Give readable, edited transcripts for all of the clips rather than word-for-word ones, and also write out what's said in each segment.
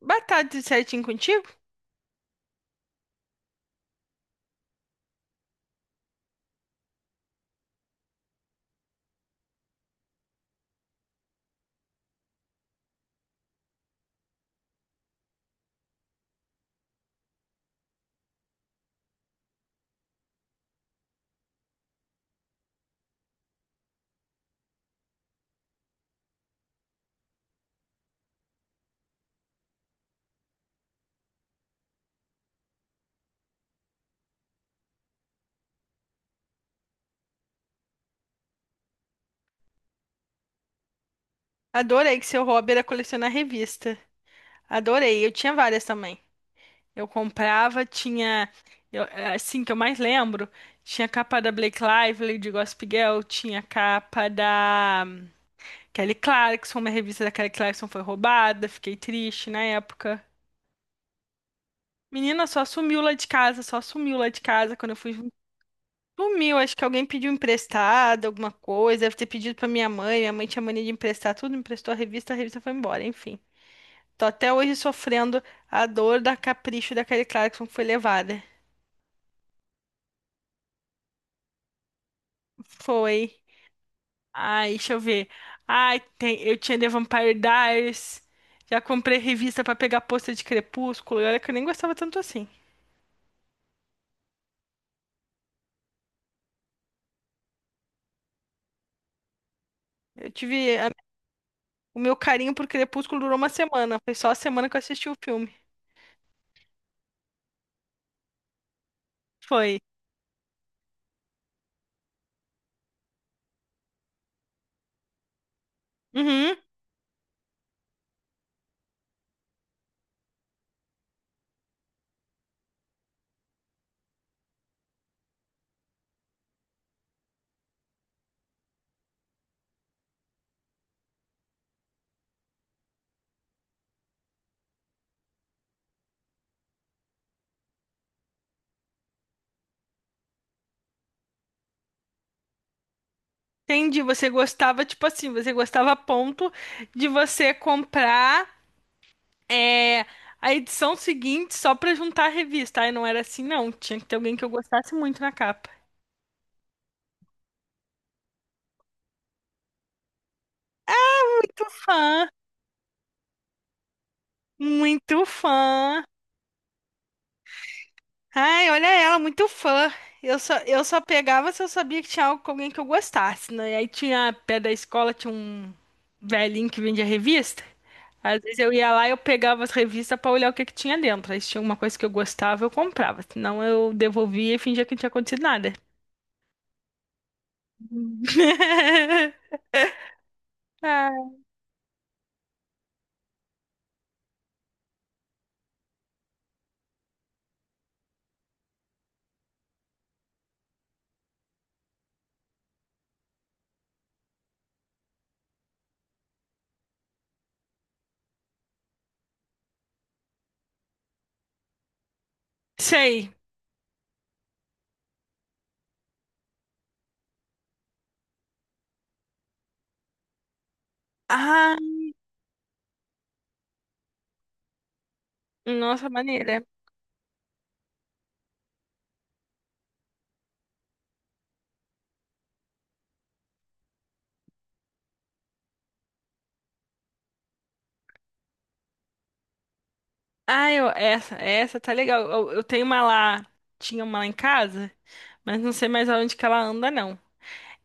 Batata certinho contigo? Adorei que seu hobby era colecionar revista. Adorei, eu tinha várias também. Eu comprava, tinha. eu- assim que eu mais lembro, tinha capa da Blake Lively, de Gossip Girl, tinha capa da Kelly Clarkson, uma revista da Kelly Clarkson foi roubada, fiquei triste na época. Menina, só sumiu lá de casa, só sumiu lá de casa quando eu fui. Sumiu, acho que alguém pediu emprestado, alguma coisa, deve ter pedido pra minha mãe tinha mania de emprestar tudo, emprestou a revista foi embora, enfim. Tô até hoje sofrendo a dor da capricho da Kelly Clarkson que foi levada. Foi. Ai, deixa eu ver. Ai, eu tinha The Vampire Diaries. Já comprei revista pra pegar pôster de Crepúsculo. E olha que eu nem gostava tanto assim. Eu tive. a- o meu carinho por Crepúsculo durou uma semana. Foi só a semana que eu assisti o filme. Foi. Uhum. Entendi. Você gostava, tipo assim, você gostava a ponto de você comprar. É a edição seguinte só pra juntar a revista. Aí não era assim, não. Tinha que ter alguém que eu gostasse muito na capa. Muito fã, muito fã. Ai, olha ela, muito fã. Eu só pegava se eu sabia que tinha algo com alguém que eu gostasse, né? E aí tinha, pé da escola, tinha um velhinho que vendia revista. Às vezes eu ia lá e eu pegava as revistas pra olhar o que que tinha dentro. Aí se tinha alguma coisa que eu gostava, eu comprava. Senão eu devolvia e fingia que não tinha acontecido nada. Ah, sei. Ah, nossa, maneira. Ah, eu, essa tá legal. Eu tenho uma lá, tinha uma lá em casa, mas não sei mais aonde que ela anda, não.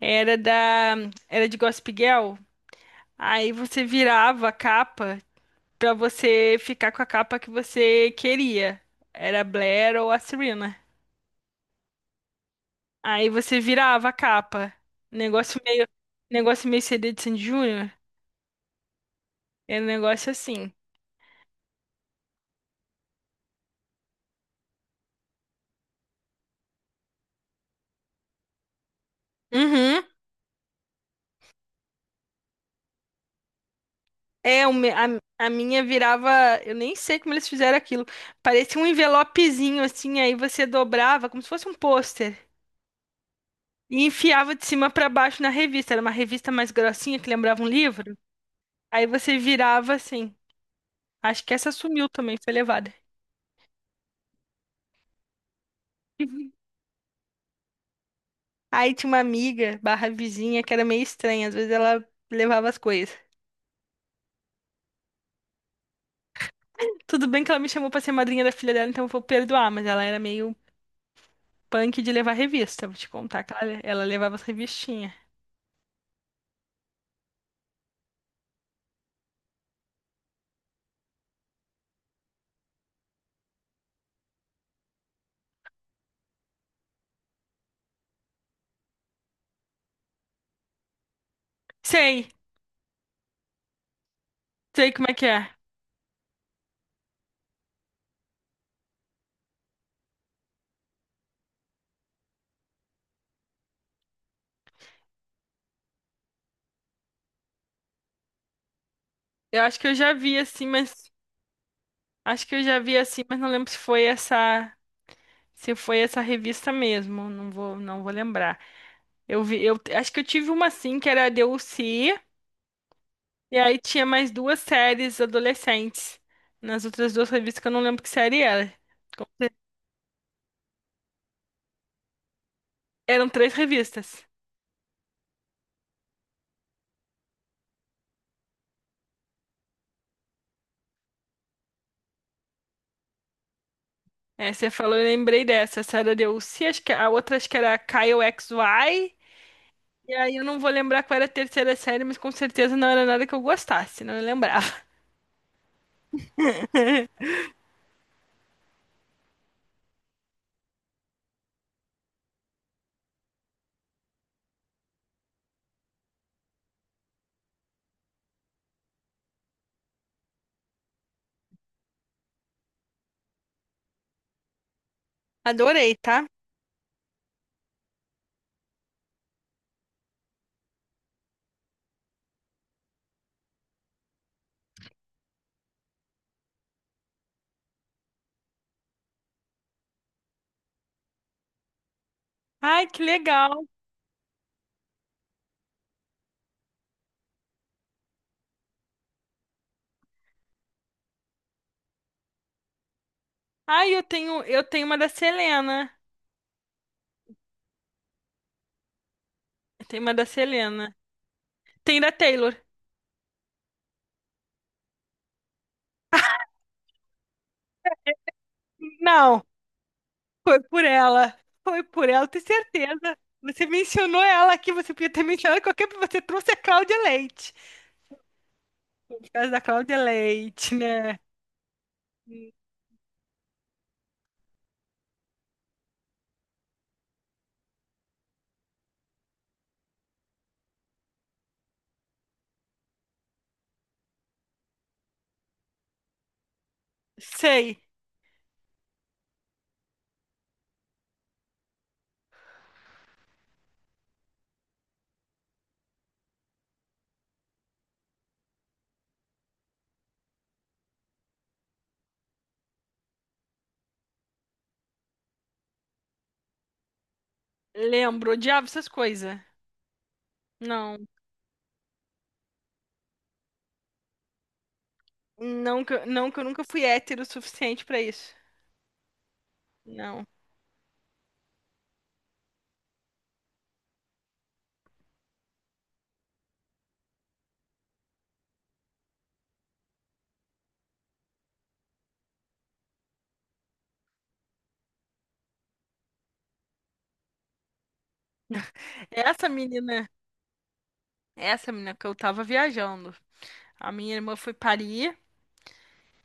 Era da, era de Gossip Girl. Aí você virava a capa pra você ficar com a capa que você queria. Era a Blair ou a Serena. Aí você virava a capa. Negócio meio, negócio meio CD de Sandy Júnior. Era um negócio assim. Uhum. É, a minha virava. Eu nem sei como eles fizeram aquilo. Parecia um envelopezinho assim, aí você dobrava, como se fosse um pôster. E enfiava de cima pra baixo na revista. Era uma revista mais grossinha que lembrava um livro. Aí você virava assim. Acho que essa sumiu também, foi levada. Aí tinha uma amiga, barra vizinha, que era meio estranha. Às vezes ela levava as coisas. Tudo bem que ela me chamou pra ser madrinha da filha dela, então eu vou perdoar, mas ela era meio punk de levar revista. Vou te contar que ela levava as revistinhas. Sei. Sei como é que é. Eu acho que eu já vi assim, mas acho que eu já vi assim, mas não lembro se foi essa, se foi essa revista mesmo. Não vou lembrar. Eu vi, eu acho que eu tive uma assim que era a DLC e aí tinha mais duas séries adolescentes nas outras duas revistas que eu não lembro que série era. Com cer- Eram três revistas. É, você falou, eu lembrei dessa. Essa era a DLC, acho que a outra acho que era a Kyle X XY. E aí eu não vou lembrar qual era a terceira série, mas com certeza não era nada que eu gostasse, não eu lembrava. Adorei, tá? Ai, que legal. Ai, eu tenho uma da Selena. Eu tenho uma da Selena. Tem da Taylor. Não, foi por ela. Foi por ela, tenho certeza. Você mencionou ela aqui, você podia ter mencionado qualquer. Você trouxe a Cláudia Leite. Por causa da Cláudia Leite, né? Sei. Lembro. Odiava essas coisas. Não. Não que eu nunca fui hétero o suficiente pra isso. Não. Essa menina, essa menina que eu tava viajando. A minha irmã foi parir.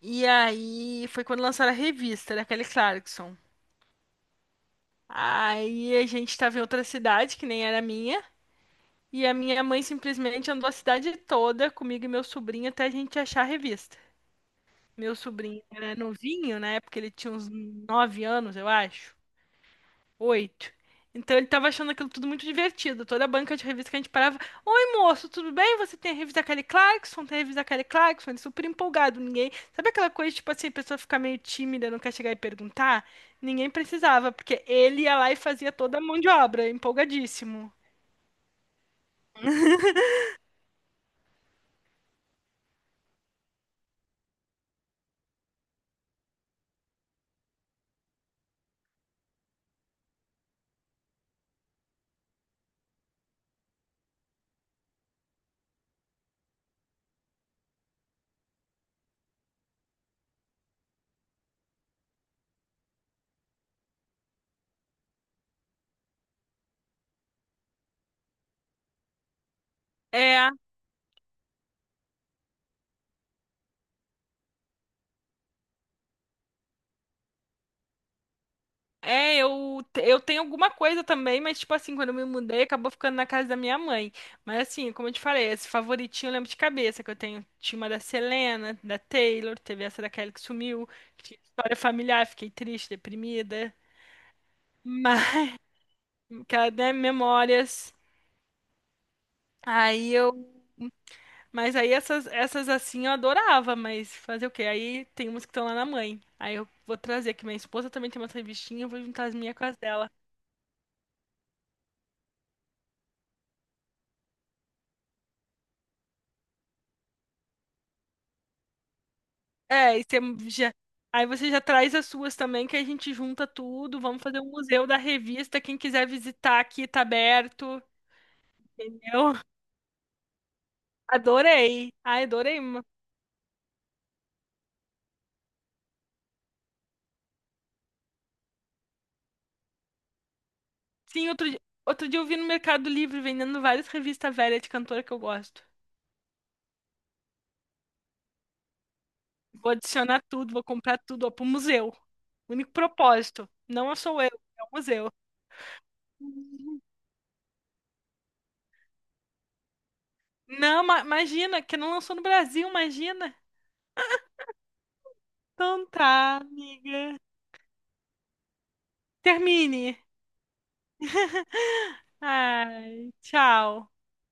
E aí foi quando lançaram a revista da Kelly Clarkson. Aí a gente tava em outra cidade, que nem era minha. E a minha mãe simplesmente andou a cidade toda comigo e meu sobrinho até a gente achar a revista. Meu sobrinho era novinho, na época ele tinha uns 9 anos, eu acho. Oito. Então ele tava achando aquilo tudo muito divertido. Toda a banca de revista que a gente parava. Oi, moço, tudo bem? Você tem a revista Kelly Clarkson? Tem a revista Kelly Clarkson? Ele super empolgado. Ninguém. Sabe aquela coisa, tipo assim, a pessoa fica meio tímida, não quer chegar e perguntar? Ninguém precisava, porque ele ia lá e fazia toda a mão de obra, empolgadíssimo. É, é, eu tenho alguma coisa também, mas tipo assim, quando eu me mudei, acabou ficando na casa da minha mãe. Mas assim, como eu te falei, esse favoritinho eu lembro de cabeça, que eu tenho. Tinha uma da Selena, da Taylor, teve essa da Kelly que sumiu, que tinha história familiar, fiquei triste, deprimida. Mas, que ela, né, memórias. Aí eu. Mas aí essas assim eu adorava, mas fazer o quê? Aí tem umas que estão lá na mãe. Aí eu vou trazer, que minha esposa também tem umas revistinhas, eu vou juntar as minhas com as dela. É, e aí você já traz as suas também, que a gente junta tudo. Vamos fazer um museu da revista. Quem quiser visitar aqui, tá aberto. Entendeu? Adorei. Ai, adorei. Sim, outro dia eu vi no Mercado Livre vendendo várias revistas velhas de cantora que eu gosto. Vou adicionar tudo, vou comprar tudo, ó, pro museu. Único propósito. Não sou eu, é o museu. Não, imagina, que não lançou no Brasil, imagina. Então tá, amiga. Termine. Ai, tchau.